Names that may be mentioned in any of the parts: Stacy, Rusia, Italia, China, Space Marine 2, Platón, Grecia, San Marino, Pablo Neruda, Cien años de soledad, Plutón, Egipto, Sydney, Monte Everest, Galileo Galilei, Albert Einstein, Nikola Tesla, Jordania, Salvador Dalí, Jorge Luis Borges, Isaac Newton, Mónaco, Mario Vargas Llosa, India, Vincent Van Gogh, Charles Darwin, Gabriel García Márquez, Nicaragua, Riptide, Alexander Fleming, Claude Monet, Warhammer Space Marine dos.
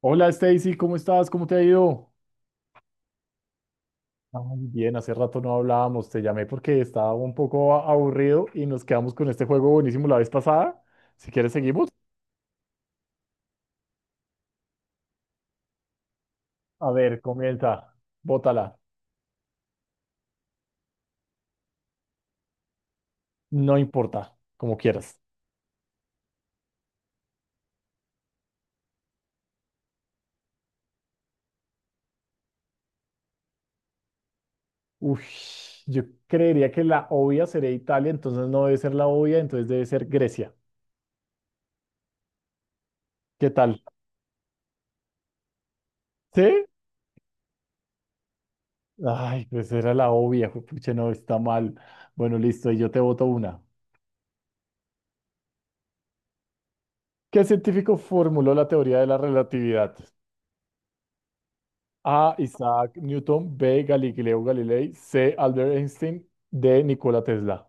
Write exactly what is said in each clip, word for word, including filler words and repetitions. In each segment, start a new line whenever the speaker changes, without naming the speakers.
Hola Stacy, ¿cómo estás? ¿Cómo te ha ido? Ay, bien, hace rato no hablábamos, te llamé porque estaba un poco a- aburrido y nos quedamos con este juego buenísimo la vez pasada. Si quieres, seguimos. A ver, comienza, bótala, no importa, como quieras. Uy, yo creería que la obvia sería Italia, entonces no debe ser la obvia, entonces debe ser Grecia. ¿Qué tal? ¿Sí? Ay, pues era la obvia, pucha, no, está mal. Bueno, listo, y yo te voto una. ¿Qué científico formuló la teoría de la relatividad? A. Isaac Newton. B. Galileo Galilei. C. Albert Einstein. D. Nikola Tesla.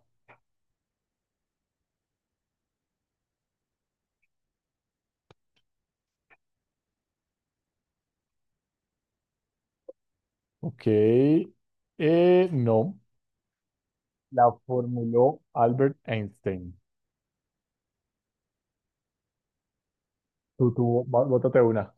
Ok. Eh, no. La formuló Albert Einstein. Tú, tú, bó- bótate una.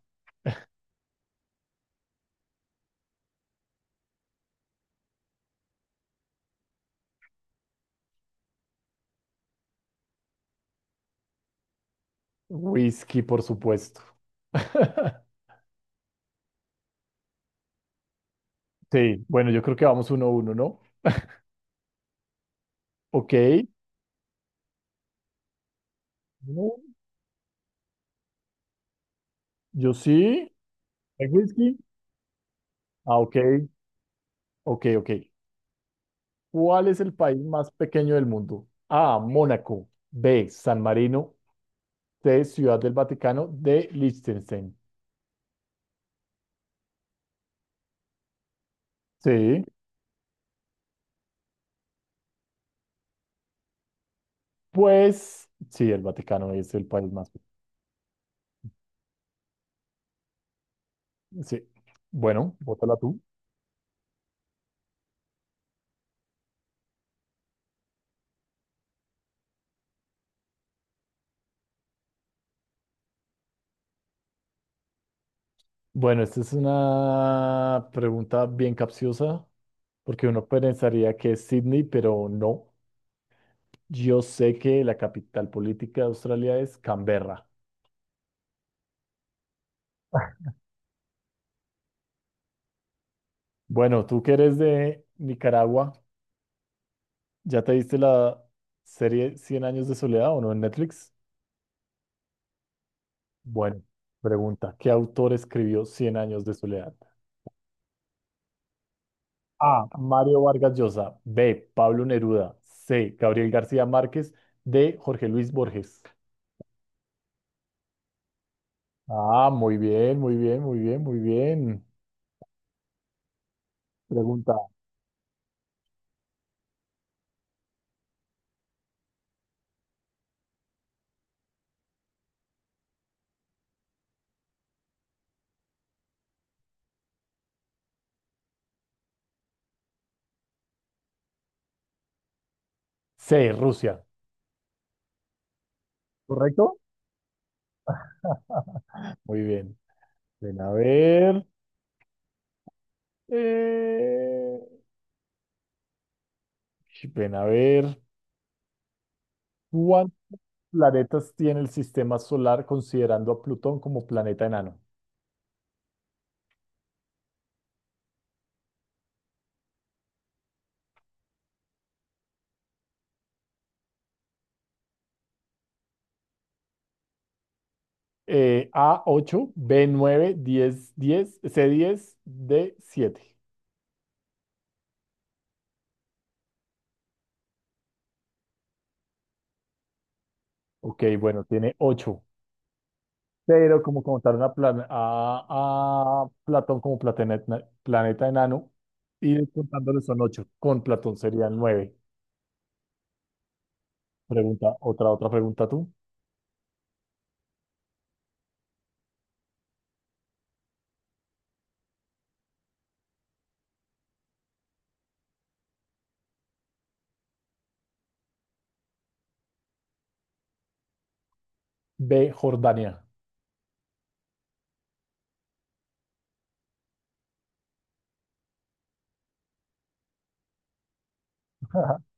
Whisky, por supuesto. Sí, bueno, yo creo que vamos uno a uno, ¿no? Ok. No, yo sí. ¿Hay whisky? Ah, ok. Ok, ok. ¿Cuál es el país más pequeño del mundo? A. Mónaco. B. San Marino. De Ciudad del Vaticano, de Liechtenstein. Sí, pues sí, el Vaticano es el país más. Sí, bueno, bótala tú. Bueno, esta es una pregunta bien capciosa, porque uno pensaría que es Sydney, pero no. Yo sé que la capital política de Australia es Canberra. Bueno, tú que eres de Nicaragua, ¿ya te viste la serie Cien años de soledad o no en Netflix? Bueno, pregunta, ¿qué autor escribió Cien años de soledad? A. Mario Vargas Llosa. B. Pablo Neruda. C. Gabriel García Márquez. D. Jorge Luis Borges. Ah, muy bien, muy bien, muy bien, muy bien. Pregunta. C. Rusia. ¿Correcto? Muy bien. Ven a ver. eh, Ven a ver. ¿Cuántos planetas tiene el sistema solar considerando a Plutón como planeta enano? Eh, a ocho, B nueve, diez, diez, C diez, D siete. Ok, bueno, tiene ocho. Pero como contaron a, Plan- a, a Platón como planeta, planeta enano, y contándole son ocho, con Platón serían nueve. Pregunta, otra, otra pregunta tú. B, Jordania.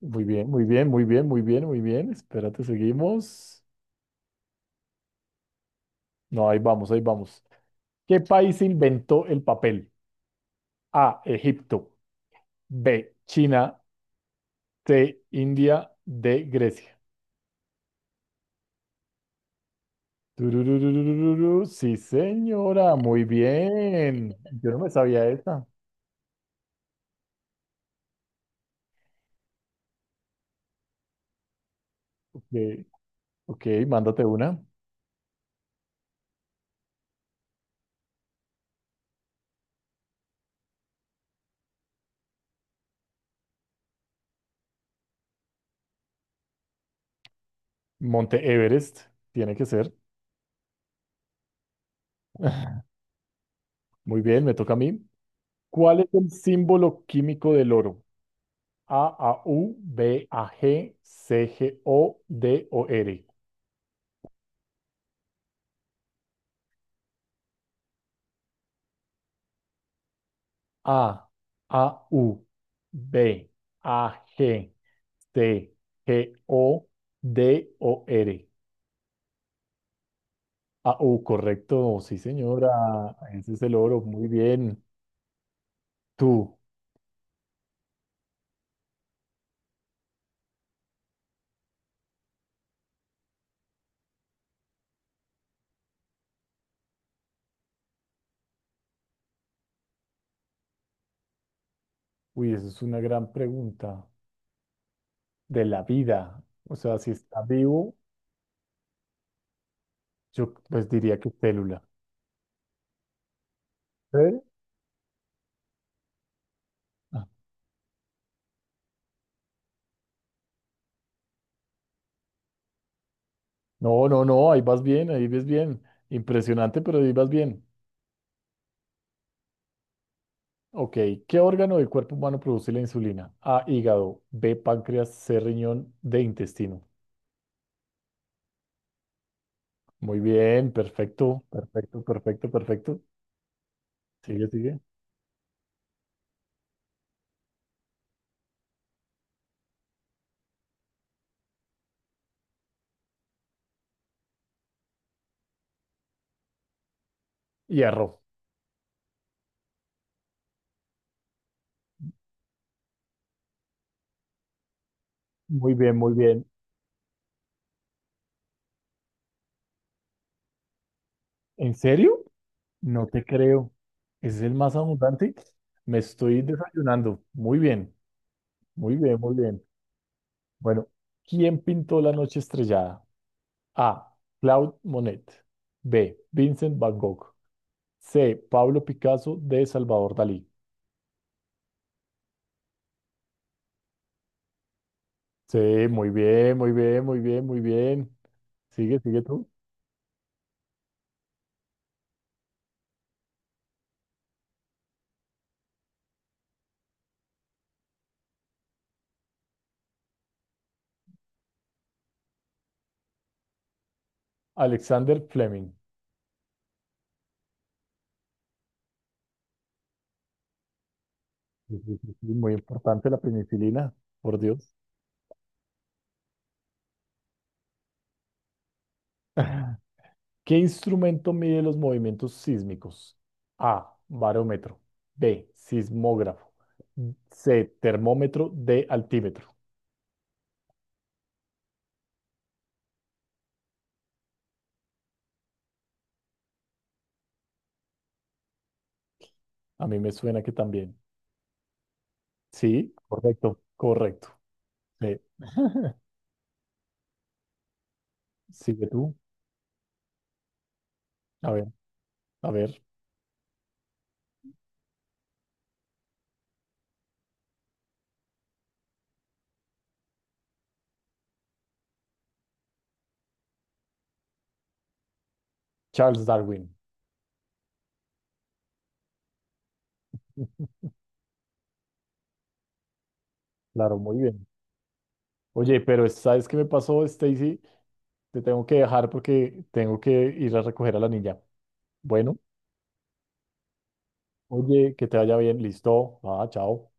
Muy bien, muy bien, muy bien, muy bien, muy bien. Espérate, seguimos. No, ahí vamos, ahí vamos. ¿Qué país inventó el papel? A, Egipto. B, China. C, India. D, Grecia. Turururururu. Sí, señora, muy bien. Yo no me sabía esta. Ok, ok, mándate una. Monte Everest, tiene que ser. Muy bien, me toca a mí. ¿Cuál es el símbolo químico del oro? A, A, U, B, A, G, C, G, O, D, O, R. A, A, U, B, A, G, C, G, O, D, O, R. Ah, oh, correcto, sí, señora. Ese es el oro. Muy bien. Tú. Uy, esa es una gran pregunta. De la vida. O sea, si está vivo, yo pues diría que célula. ¿Eh? Ah, no, no, no, ahí vas bien, ahí ves bien. Impresionante, pero ahí vas bien. Ok, ¿qué órgano del cuerpo humano produce la insulina? A, hígado. B, páncreas. C, riñón. D, intestino. Muy bien, perfecto, perfecto, perfecto, perfecto. Sigue, sigue. Hierro. Muy bien, muy bien. ¿En serio? No te creo. ¿Es el más abundante? Me estoy desayunando. Muy bien, muy bien, muy bien. Bueno, ¿quién pintó la noche estrellada? A. Claude Monet. B. Vincent Van Gogh. C. Pablo Picasso. D. Salvador Dalí. Sí, muy bien, muy bien, muy bien, muy bien. Sigue, sigue tú. Alexander Fleming. Sí, sí, sí, sí, muy importante la penicilina, por Dios. ¿Qué instrumento mide los movimientos sísmicos? A. Barómetro. B. Sismógrafo. C. Termómetro. D. Altímetro. A mí me suena que también. Sí, correcto, correcto. Sí. Sigue tú. A ver, a ver. Charles Darwin. Claro, muy bien. Oye, pero ¿sabes qué me pasó, Stacy? Te tengo que dejar porque tengo que ir a recoger a la niña. Bueno, oye, que te vaya bien. Listo. Ah, chao.